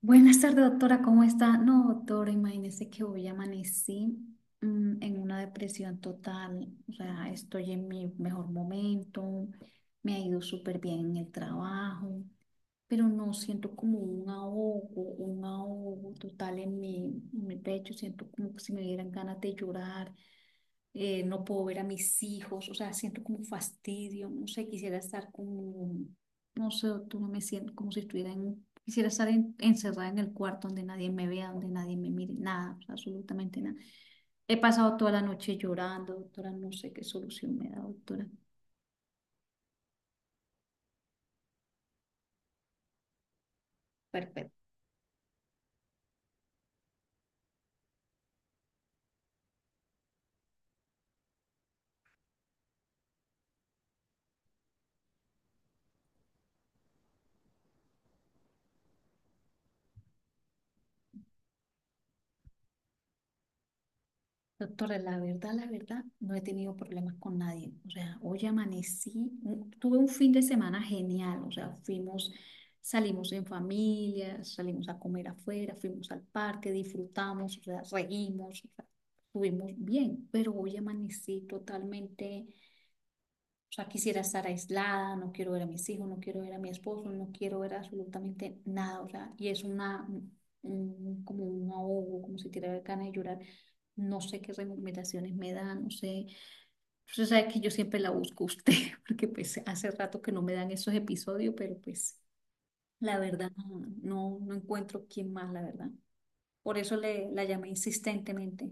Buenas tardes, doctora, ¿cómo está? No, doctora, imagínese que hoy amanecí en una depresión total. O sea, estoy en mi mejor momento, me ha ido súper bien en el trabajo, pero no siento como un ahogo total en en mi pecho, siento como que si me dieran ganas de llorar, no puedo ver a mis hijos, o sea, siento como fastidio, no sé, quisiera estar como, no sé, tú no me siento como si estuviera en, quisiera estar encerrada en el cuarto donde nadie me vea, donde nadie me mire, nada, o sea, absolutamente nada. He pasado toda la noche llorando, doctora, no sé qué solución me da, doctora. Perfecto. Doctora, la verdad, no he tenido problemas con nadie. O sea, hoy tuve un fin de semana genial. O sea, fuimos, salimos en familia, salimos a comer afuera, fuimos al parque, disfrutamos, o sea, reímos, o sea, estuvimos bien. Pero hoy amanecí totalmente. O sea, quisiera estar aislada, no quiero ver a mis hijos, no quiero ver a mi esposo, no quiero ver absolutamente nada. O sea, y es como un ahogo, como si tirara ganas de llorar. No sé qué recomendaciones me dan, no sé. Usted sabe que yo siempre la busco a usted, porque pues hace rato que no me dan esos episodios, pero pues la verdad no encuentro quién más, la verdad. Por eso la llamé insistentemente.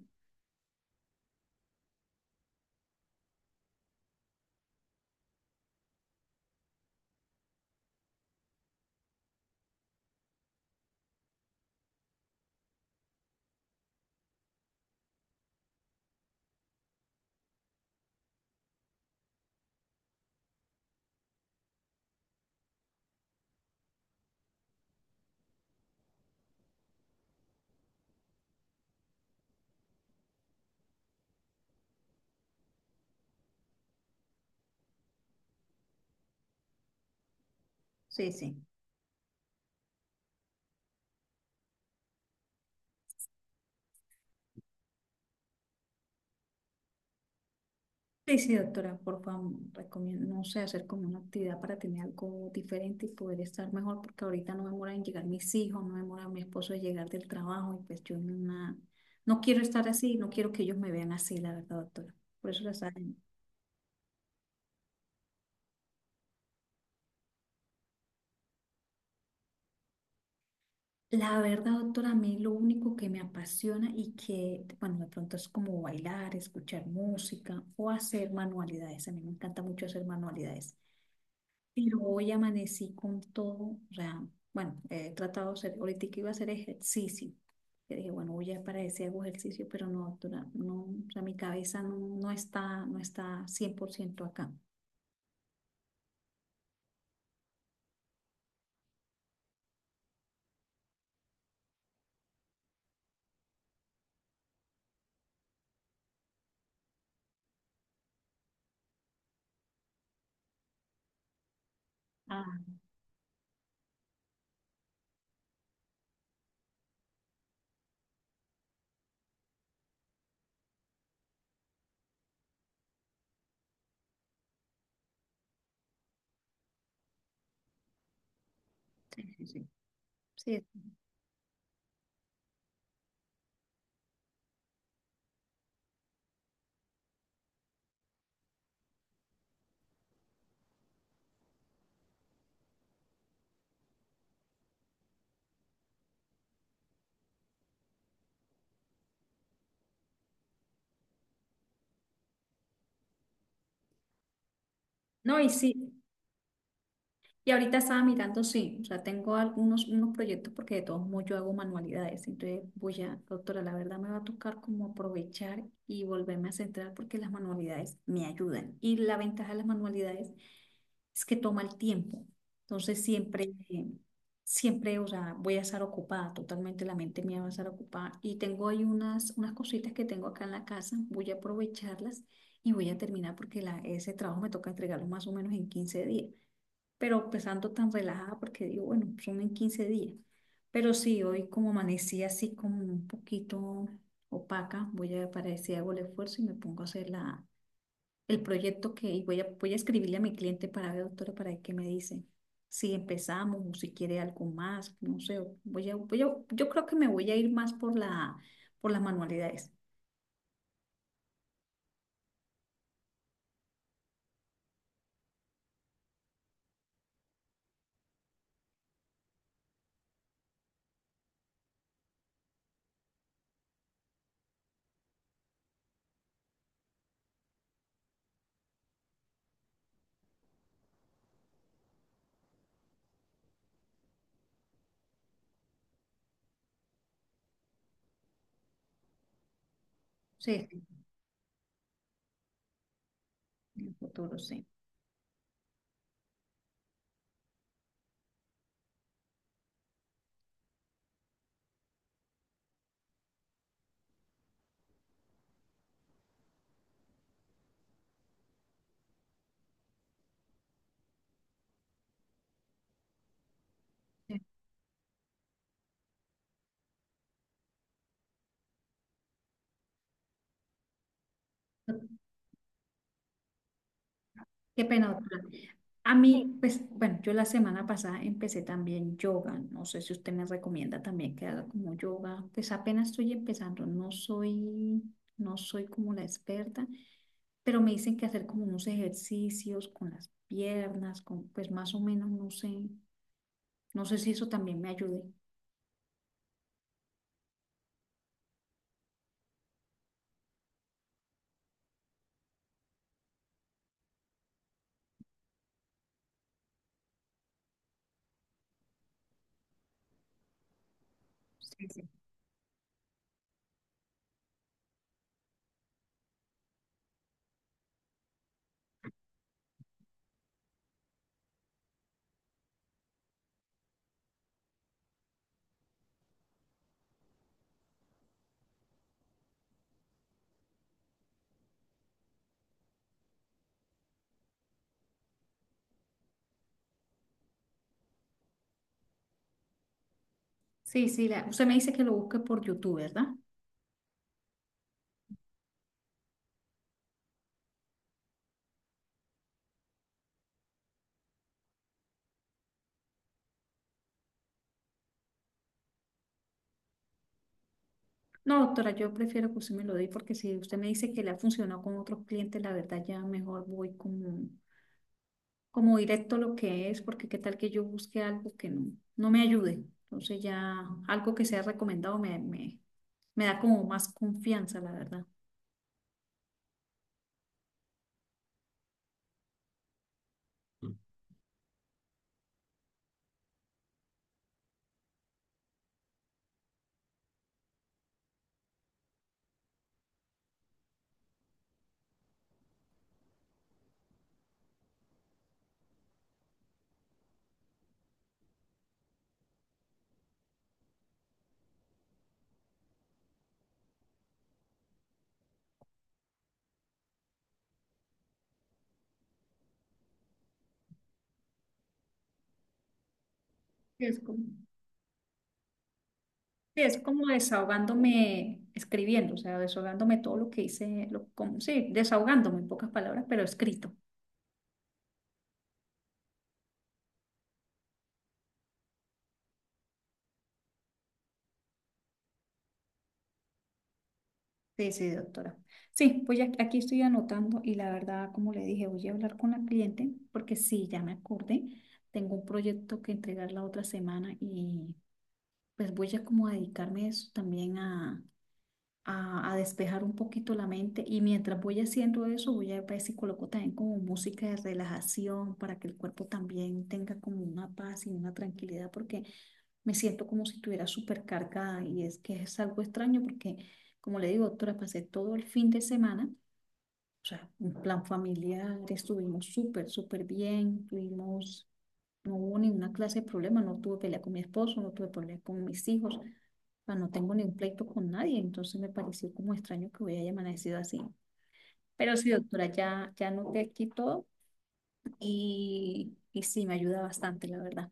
Sí, sí. Sí, sí, doctora, por favor, recomiendo, no sé, hacer como una actividad para tener algo diferente y poder estar mejor, porque ahorita no demoran en llegar mis hijos, no demora mi esposo en llegar del trabajo, y pues yo en una- no quiero estar así, no quiero que ellos me vean así, la verdad, doctora. Por eso la saben. La verdad, doctora, a mí lo único que me apasiona y que, bueno, de pronto es como bailar, escuchar música o hacer manualidades. A mí me encanta mucho hacer manualidades. Pero hoy amanecí con todo, o sea, bueno, he tratado de hacer, ahorita que iba a hacer ejercicio, que dije, bueno, voy a para ese hago ejercicio, pero no, doctora, no, o sea, mi cabeza no está, no está 100% acá. Ah, sí, sí, sí. Sí. No, y sí, y ahorita estaba mirando, sí, o sea, tengo algunos unos proyectos porque de todos modos yo hago manualidades, entonces voy a, doctora, la verdad me va a tocar como aprovechar y volverme a centrar porque las manualidades me ayudan. Y la ventaja de las manualidades es que toma el tiempo. Entonces siempre, siempre, o sea, voy a estar ocupada, totalmente la mente mía va a estar ocupada. Y tengo ahí unas cositas que tengo acá en la casa, voy a aprovecharlas y voy a terminar porque la, ese trabajo me toca entregarlo más o menos en 15 días. Pero empezando tan relajada porque digo, bueno, son en 15 días. Pero sí, hoy como amanecí así como un poquito opaca, voy a ver para ver si hago el esfuerzo y me pongo a hacer la el proyecto que y voy a, voy a- escribirle a mi cliente para ver, doctora, para ver qué me dice. Si empezamos o si quiere algo más, no sé, voy a, voy a- yo creo que me voy a ir más por por las manualidades. Sí, en el futuro, sí. Sí. Qué pena, doctora. A mí, pues, bueno, yo la semana pasada empecé también yoga. No sé si usted me recomienda también que haga como yoga. Pues apenas estoy empezando, no soy como la experta, pero me dicen que hacer como unos ejercicios con las piernas, con, pues más o menos, no sé, no sé si eso también me ayude. Sí, sí. Sí, sí, la- usted me dice que lo busque por YouTube, ¿verdad? No, doctora, yo prefiero que usted me lo dé porque si usted me dice que le ha funcionado con otros clientes, la verdad ya mejor voy como directo lo que es, porque qué tal que yo busque algo que no me ayude. Entonces ya algo que sea recomendado me da como más confianza, la verdad. Es como, sí, es como desahogándome escribiendo, o sea, desahogándome todo lo que hice, lo, como, sí, desahogándome en pocas palabras, pero escrito. Sí, sí, doctora. Sí, pues ya aquí estoy anotando y la verdad, como le dije, voy a hablar con la cliente porque sí, ya me acordé. Tengo un proyecto que entregar la otra semana y pues voy a como a dedicarme a eso también a despejar un poquito la mente y mientras voy haciendo eso voy a ver si coloco también como música de relajación para que el cuerpo también tenga como una paz y una tranquilidad porque me siento como si estuviera súper cargada y es que es algo extraño porque como le digo, doctora, pasé todo el fin de semana o sea, un plan familiar, estuvimos súper, súper bien, tuvimos, no hubo ninguna clase de problema, no tuve pelea con mi esposo, no tuve pelea con mis hijos, o sea, no tengo ningún pleito con nadie, entonces me pareció como extraño que hubiera amanecido así. Pero sí, doctora, ya noté aquí todo y sí, me ayuda bastante, la verdad.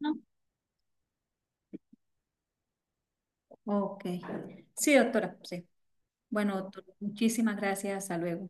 ¿No? Ok. Sí, doctora, sí. Bueno, doctora, muchísimas gracias, hasta luego.